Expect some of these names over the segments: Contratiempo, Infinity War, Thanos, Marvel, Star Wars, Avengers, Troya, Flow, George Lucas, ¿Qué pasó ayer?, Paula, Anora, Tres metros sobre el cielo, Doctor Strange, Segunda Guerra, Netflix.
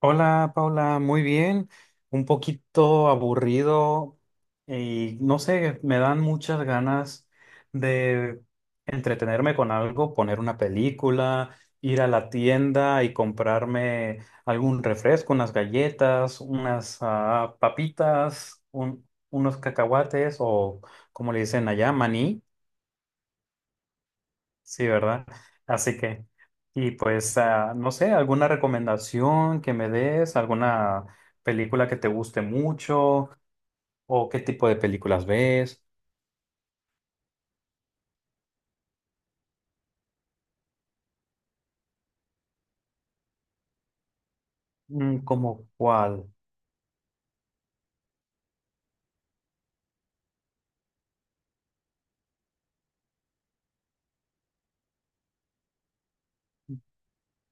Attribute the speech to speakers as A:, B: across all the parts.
A: Hola Paula, muy bien, un poquito aburrido y no sé, me dan muchas ganas de entretenerme con algo, poner una película, ir a la tienda y comprarme algún refresco, unas galletas, unas papitas, unos cacahuates o como le dicen allá, maní. Sí, ¿verdad? Así que, y pues, no sé, alguna recomendación que me des, alguna película que te guste mucho, o qué tipo de películas ves. Mm, como cuál.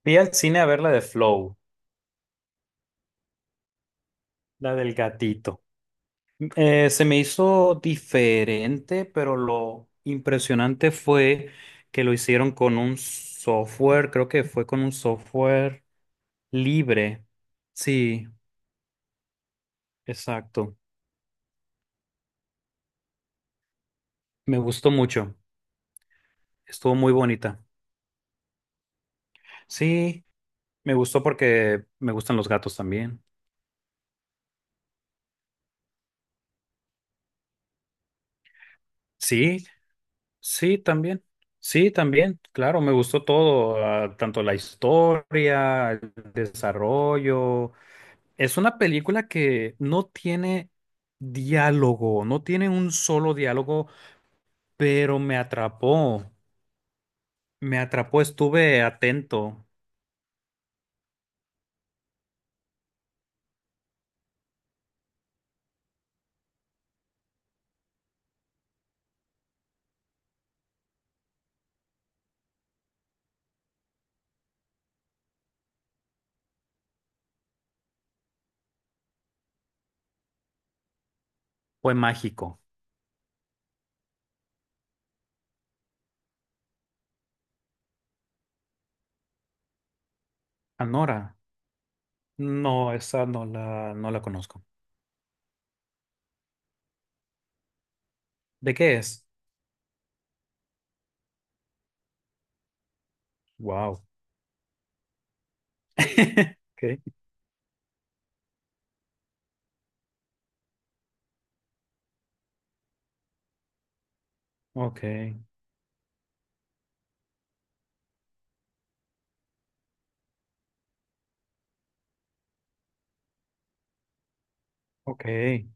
A: Fui al cine a ver la de Flow, la del gatito. Se me hizo diferente, pero lo impresionante fue que lo hicieron con un software, creo que fue con un software libre. Sí, exacto. Me gustó mucho. Estuvo muy bonita. Sí, me gustó porque me gustan los gatos también. Sí, sí, también. Sí, también. Claro, me gustó todo, tanto la historia, el desarrollo. Es una película que no tiene diálogo, no tiene un solo diálogo, pero me atrapó. Me atrapó, estuve atento. Fue mágico. Anora. No, esa no la, no la conozco. ¿De qué es? Wow. Okay, okay, okay,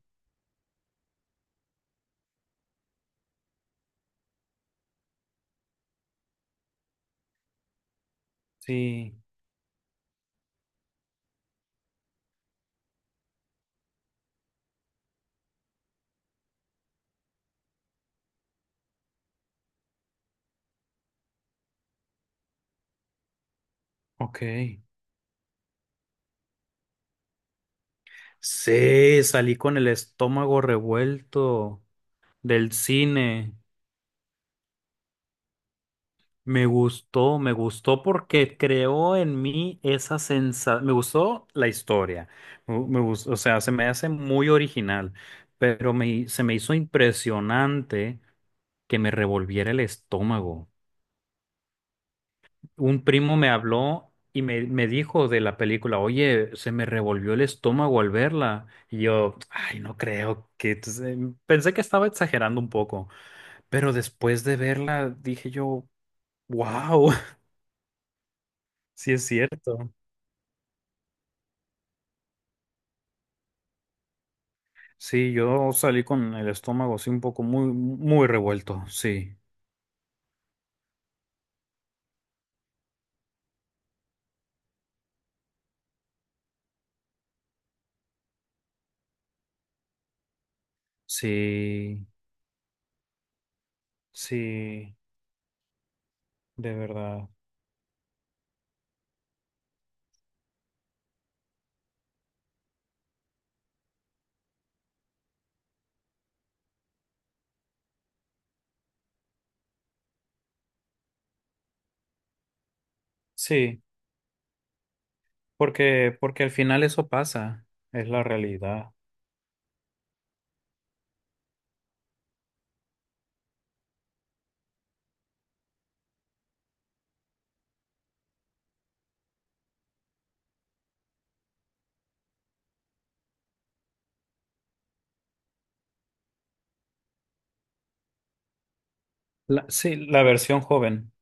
A: sí, okay. Sí, salí con el estómago revuelto del cine. Me gustó porque creó en mí esa sensación. Me gustó la historia. Me gustó, o sea, se me hace muy original, pero se me hizo impresionante que me revolviera el estómago. Un primo me habló y me dijo de la película, oye, se me revolvió el estómago al verla. Y yo, ay, no creo que... Entonces, pensé que estaba exagerando un poco, pero después de verla dije yo, wow, sí es cierto. Sí, yo salí con el estómago así un poco muy revuelto, sí, sí, sí, de verdad. Sí, porque, porque al final eso pasa, es la realidad. Sí, la versión joven.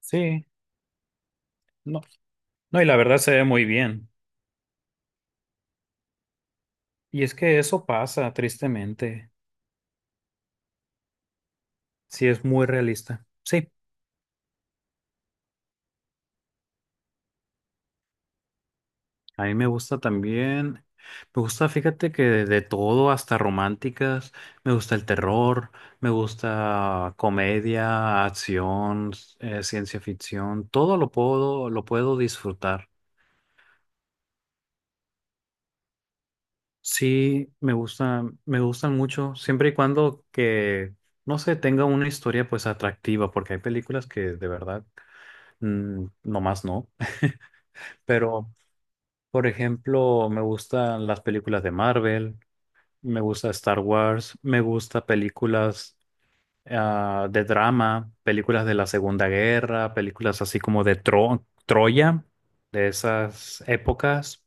A: Sí. No, no, y la verdad se ve muy bien. Y es que eso pasa, tristemente. Sí, es muy realista. Sí, a mí me gusta también. Me gusta, fíjate que de todo, hasta románticas. Me gusta el terror, me gusta comedia, acción, ciencia ficción. Todo lo puedo disfrutar. Sí, me gusta, me gustan mucho, siempre y cuando que, no sé, tenga una historia pues atractiva, porque hay películas que de verdad, mm, nomás no. Pero, por ejemplo, me gustan las películas de Marvel, me gusta Star Wars, me gusta películas de drama, películas de la Segunda Guerra, películas así como de Troya, de esas épocas,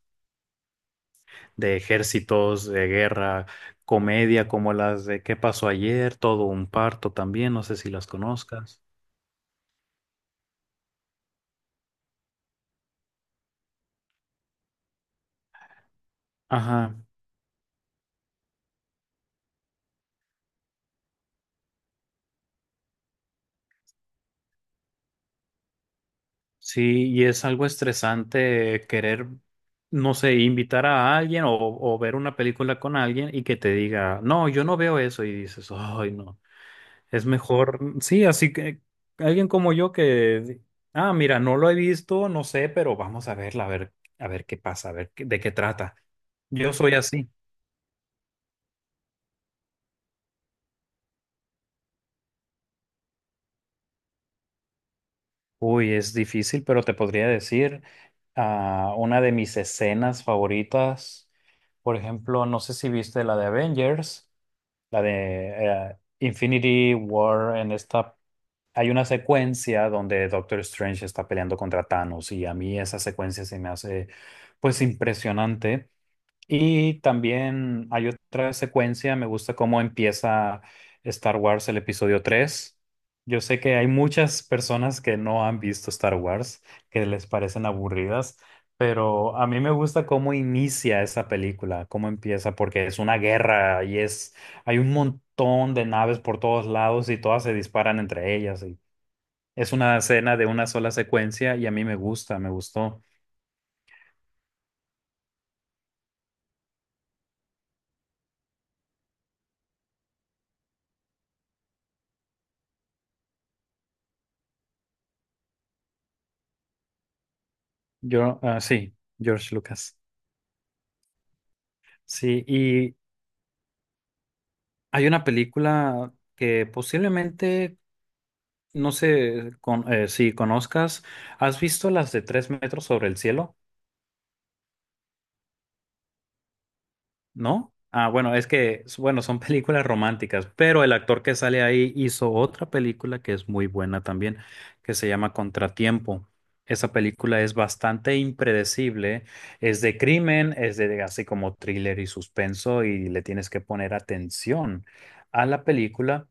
A: de ejércitos, de guerra, comedia como las de ¿Qué pasó ayer? Todo un parto también, no sé si las conozcas. Ajá. Sí, y es algo estresante querer, no sé, invitar a alguien o ver una película con alguien y que te diga, no, yo no veo eso y dices, ay, no, es mejor, sí, así que alguien como yo que, mira, no lo he visto, no sé, pero vamos a verla, a ver qué pasa, a ver de qué trata. Yo soy así. Uy, es difícil, pero te podría decir, una de mis escenas favoritas, por ejemplo, no sé si viste la de Avengers. La de Infinity War, en esta hay una secuencia donde Doctor Strange está peleando contra Thanos y a mí esa secuencia se me hace pues impresionante. Y también hay otra secuencia, me gusta cómo empieza Star Wars el episodio 3. Yo sé que hay muchas personas que no han visto Star Wars, que les parecen aburridas, pero a mí me gusta cómo inicia esa película, cómo empieza, porque es una guerra y es, hay un montón de naves por todos lados y todas se disparan entre ellas. Y es una escena de una sola secuencia y a mí me gusta, me gustó. Yo, sí, George Lucas. Sí, y hay una película que posiblemente, no sé si conozcas, ¿has visto las de Tres metros sobre el cielo? ¿No? Ah, bueno, es que, bueno, son películas románticas, pero el actor que sale ahí hizo otra película que es muy buena también, que se llama Contratiempo. Esa película es bastante impredecible, es de crimen, es de así como thriller y suspenso y le tienes que poner atención a la película.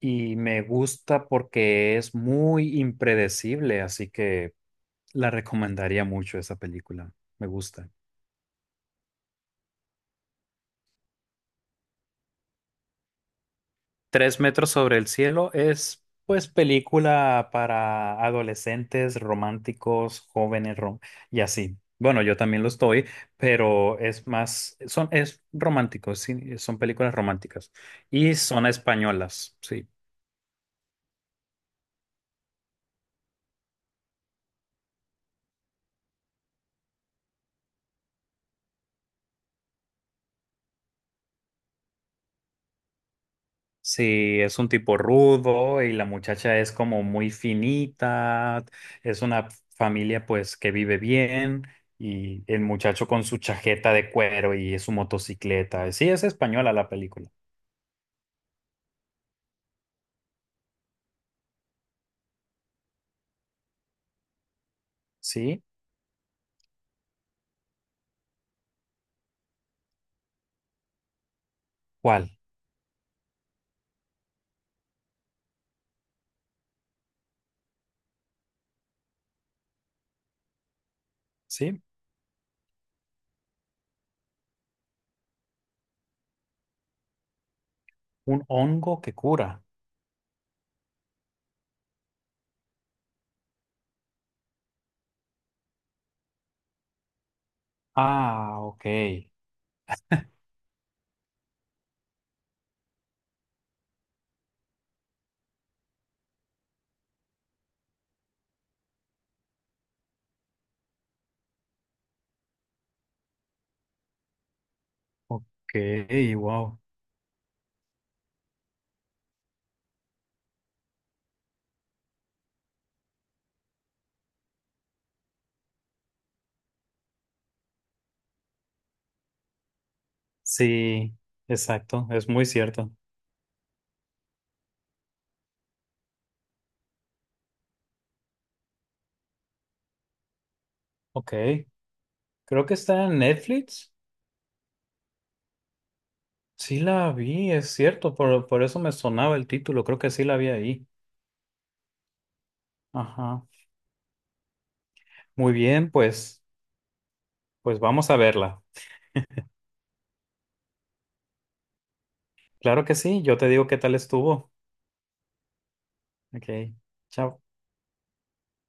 A: Y me gusta porque es muy impredecible, así que la recomendaría mucho esa película. Me gusta. Tres metros sobre el cielo es, pues, película para adolescentes, románticos, jóvenes y así. Bueno, yo también lo estoy, pero es más, son, es romántico, sí, son películas románticas y son españolas, sí. Sí, es un tipo rudo y la muchacha es como muy finita, es una familia pues que vive bien y el muchacho con su chaqueta de cuero y su motocicleta. Sí, es española la película. ¿Sí? ¿Cuál? ¿Sí? Un hongo que cura. Ah, ok. Ok, wow. Sí, exacto, es muy cierto. Ok, creo que está en Netflix. Sí la vi, es cierto, por eso me sonaba el título, creo que sí la vi ahí. Ajá. Muy bien, pues, pues vamos a verla. Claro que sí, yo te digo qué tal estuvo. Ok, chao.